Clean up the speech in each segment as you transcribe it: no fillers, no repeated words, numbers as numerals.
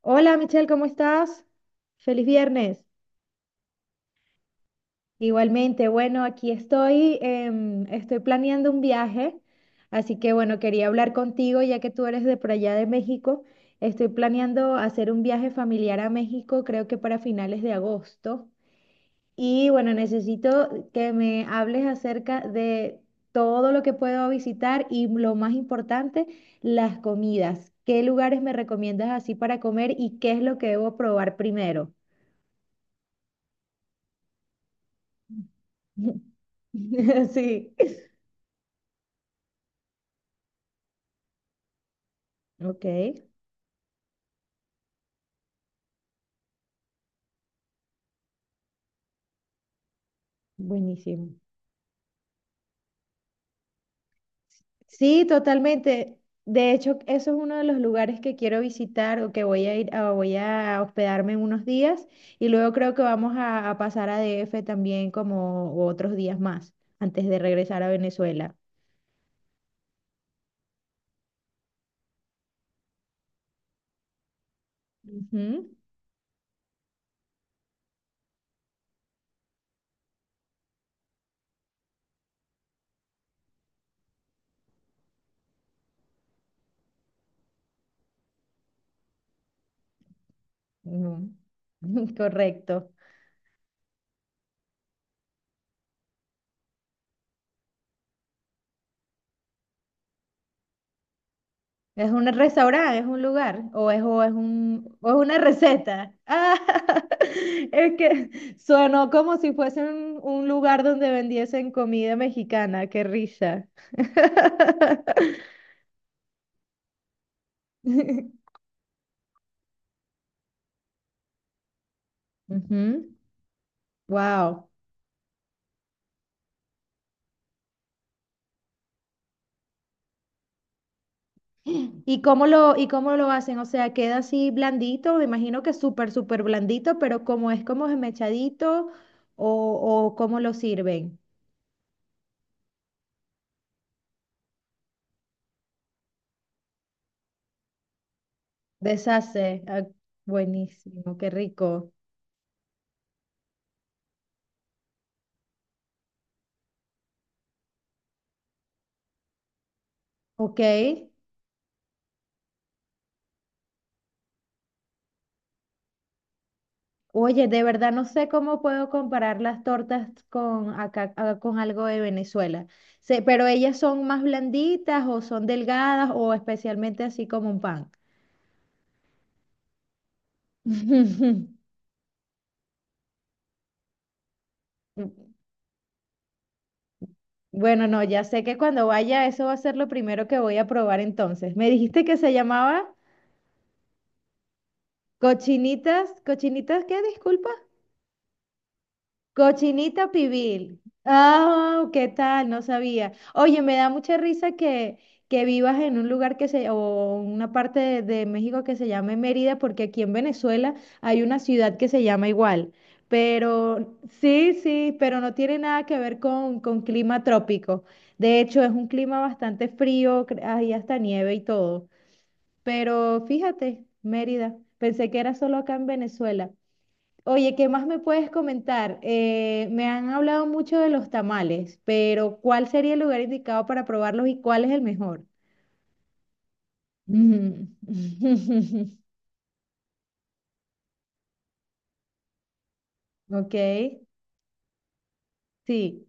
Hola Michelle, ¿cómo estás? Feliz viernes. Igualmente, bueno, aquí estoy, estoy planeando un viaje, así que bueno, quería hablar contigo ya que tú eres de por allá de México. Estoy planeando hacer un viaje familiar a México, creo que para finales de agosto. Y bueno, necesito que me hables acerca de todo lo que puedo visitar y lo más importante, las comidas. ¿Qué lugares me recomiendas así para comer y qué es lo que debo probar primero? Sí, ok, buenísimo. Sí, totalmente. De hecho, eso es uno de los lugares que quiero visitar o que voy a ir, voy a hospedarme unos días y luego creo que vamos a pasar a DF también como otros días más antes de regresar a Venezuela. Ujú. Ujú. Correcto. Es un restaurante, es un lugar, o es una receta. Ah, es que sonó como si fuese un lugar donde vendiesen comida mexicana, qué risa. Ujú. Wow. ¿Y y cómo lo hacen? O sea, queda así blandito, me imagino que súper, súper blandito, pero como es como esmechadito, o cómo lo sirven. Deshace. Ah, buenísimo, qué rico. Ok. Oye, de verdad no sé cómo puedo comparar las tortas con acá, ah, con algo de Venezuela. Sé, pero ellas son más blanditas o son delgadas o especialmente así como un pan. Bueno, no, ya sé que cuando vaya eso va a ser lo primero que voy a probar entonces. Me dijiste que se llamaba cochinitas, cochinitas, ¿qué? Disculpa. Cochinita pibil. Ah, oh, ¿qué tal? No sabía. Oye, me da mucha risa que vivas en un lugar o una parte de México que se llame Mérida, porque aquí en Venezuela hay una ciudad que se llama igual. Pero sí, sí, pero no tiene nada que ver con clima trópico. De hecho, es un clima bastante frío, hay hasta nieve y todo. Pero fíjate, Mérida, pensé que era solo acá en Venezuela. Oye, ¿qué más me puedes comentar? Me han hablado mucho de los tamales, pero ¿cuál sería el lugar indicado para probarlos y cuál es el mejor? Mm. Ok, sí.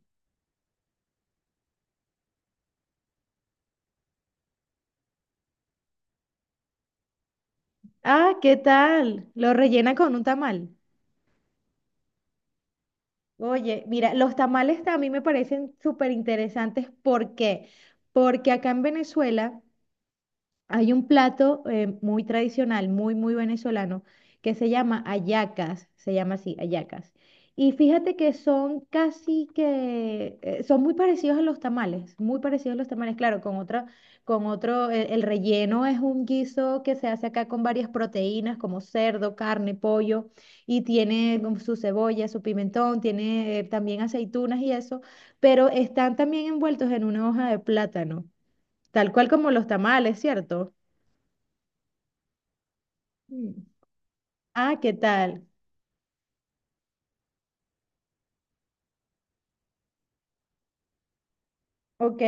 Ah, ¿qué tal? Lo rellena con un tamal. Oye, mira, los tamales a mí me parecen súper interesantes. ¿Por qué? Porque acá en Venezuela hay un plato muy tradicional, muy, muy venezolano, que se llama hallacas, se llama así, hallacas. Y fíjate que son casi que, son muy parecidos a los tamales, muy parecidos a los tamales, claro, con otro, el relleno es un guiso que se hace acá con varias proteínas como cerdo, carne, pollo, y tiene como su cebolla, su pimentón, tiene también aceitunas y eso, pero están también envueltos en una hoja de plátano, tal cual como los tamales, ¿cierto? Mm. Ah, ¿qué tal? Ok.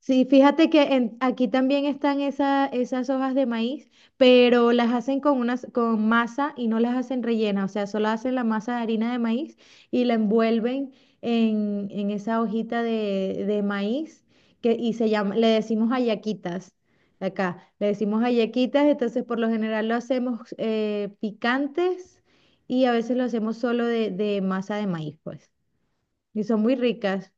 Sí, fíjate que aquí también están esas hojas de maíz, pero las hacen con con masa y no las hacen rellenas, o sea, solo hacen la masa de harina de maíz y la envuelven en esa hojita de maíz y se llama, le decimos hallaquitas, acá, le decimos hallaquitas, entonces por lo general lo hacemos picantes y a veces lo hacemos solo de masa de maíz, pues, y son muy ricas.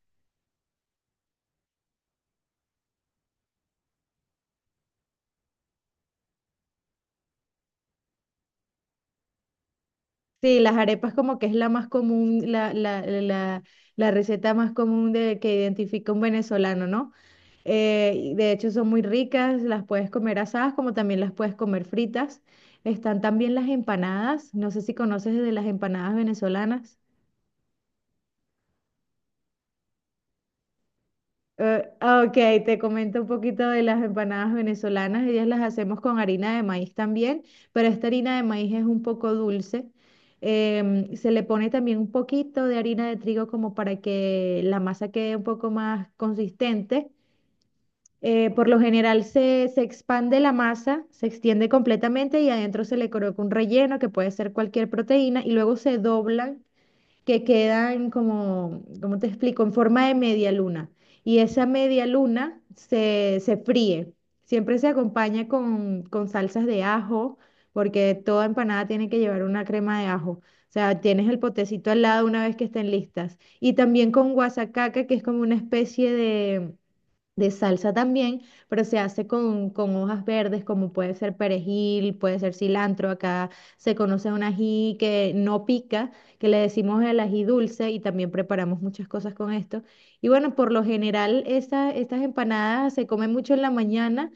Sí, las arepas como que es la más común, la receta más común que identifica un venezolano, ¿no? Y de hecho son muy ricas, las puedes comer asadas como también las puedes comer fritas. Están también las empanadas, no sé si conoces de las empanadas venezolanas. Ah, ok, te comento un poquito de las empanadas venezolanas. Ellas las hacemos con harina de maíz también, pero esta harina de maíz es un poco dulce. Se le pone también un poquito de harina de trigo como para que la masa quede un poco más consistente. Por lo general se expande la masa, se extiende completamente y adentro se le coloca un relleno que puede ser cualquier proteína y luego se doblan que quedan como, ¿cómo te explico? En forma de media luna. Y esa media luna se fríe. Siempre se acompaña con salsas de ajo, porque toda empanada tiene que llevar una crema de ajo. O sea, tienes el potecito al lado una vez que estén listas. Y también con guasacaca, que es como una especie de salsa también, pero se hace con hojas verdes como puede ser perejil, puede ser cilantro. Acá se conoce un ají que no pica, que le decimos el ají dulce y también preparamos muchas cosas con esto. Y bueno, por lo general estas empanadas se comen mucho en la mañana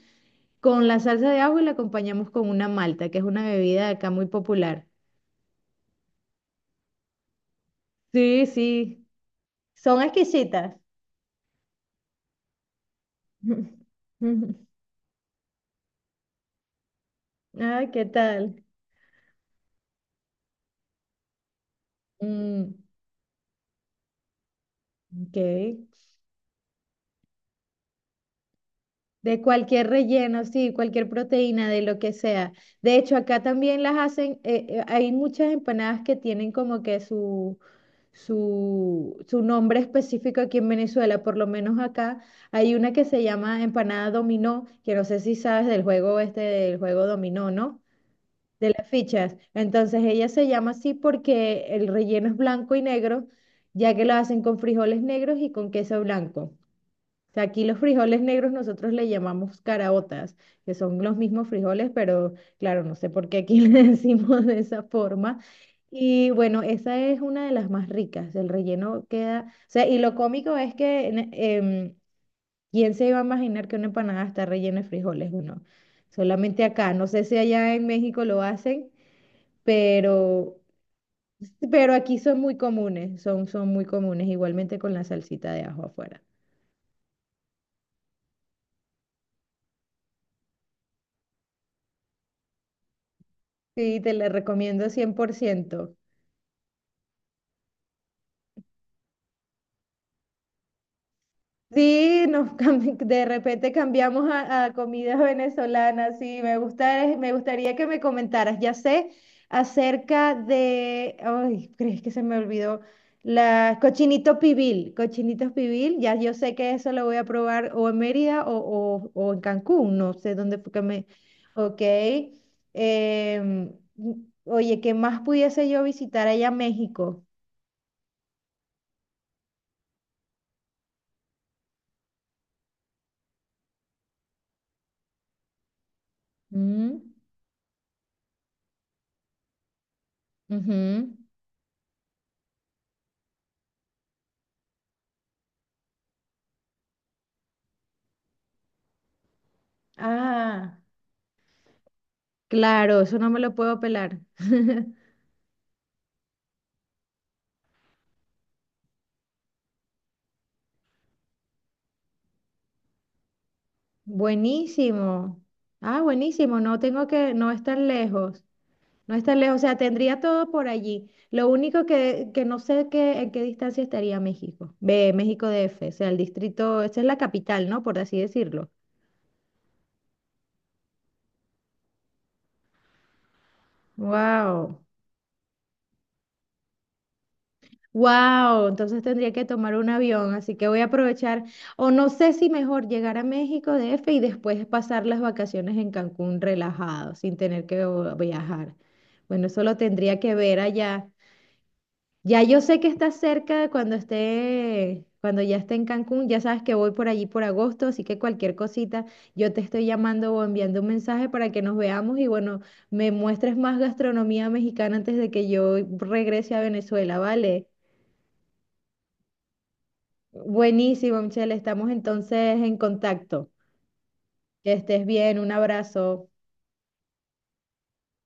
con la salsa de ajo y la acompañamos con una malta, que es una bebida de acá muy popular. Sí, sí, son exquisitas. Ay, ¿qué tal? Mm, ok. De cualquier relleno, sí, cualquier proteína, de lo que sea. De hecho, acá también las hacen, hay muchas empanadas que tienen como que su nombre específico aquí en Venezuela, por lo menos acá hay una que se llama empanada dominó, que no sé si sabes del juego este, del juego dominó, ¿no? De las fichas. Entonces ella se llama así porque el relleno es blanco y negro, ya que lo hacen con frijoles negros y con queso blanco. O sea, aquí los frijoles negros nosotros le llamamos caraotas, que son los mismos frijoles, pero claro, no sé por qué aquí le decimos de esa forma. Y bueno, esa es una de las más ricas. El relleno queda, o sea, y lo cómico es que ¿quién se iba a imaginar que una empanada está rellena de frijoles? Bueno, solamente acá. No sé si allá en México lo hacen, pero, pero aquí son muy comunes, son muy comunes, igualmente con la salsita de ajo afuera. Sí, te la recomiendo 100%. Sí, nos de repente cambiamos a comida venezolana. Sí, me gusta, me gustaría que me comentaras. Ya sé acerca de, ay, crees que se me olvidó, la cochinito pibil. Cochinito pibil, ya yo sé que eso lo voy a probar o en Mérida o en Cancún, no sé dónde fue que me... Ok. Em, oye, ¿qué más pudiese yo visitar allá en México? Mm, ujú. Ah, claro, eso no me lo puedo pelar. Buenísimo. Ah, buenísimo. No es tan lejos. No es tan lejos. O sea, tendría todo por allí. Lo único que no sé qué, en qué distancia estaría México. Ve, México DF. O sea, el distrito, esa es la capital, ¿no? Por así decirlo. Wow. Wow, entonces tendría que tomar un avión, así que voy a aprovechar, o no sé si mejor llegar a México DF y después pasar las vacaciones en Cancún relajado, sin tener que viajar. Bueno, eso lo tendría que ver allá. Ya yo sé que está cerca de cuando ya esté en Cancún, ya sabes que voy por allí por agosto, así que cualquier cosita, yo te estoy llamando o enviando un mensaje para que nos veamos y bueno, me muestres más gastronomía mexicana antes de que yo regrese a Venezuela, ¿vale? Buenísimo, Michelle. Estamos entonces en contacto. Que estés bien. Un abrazo.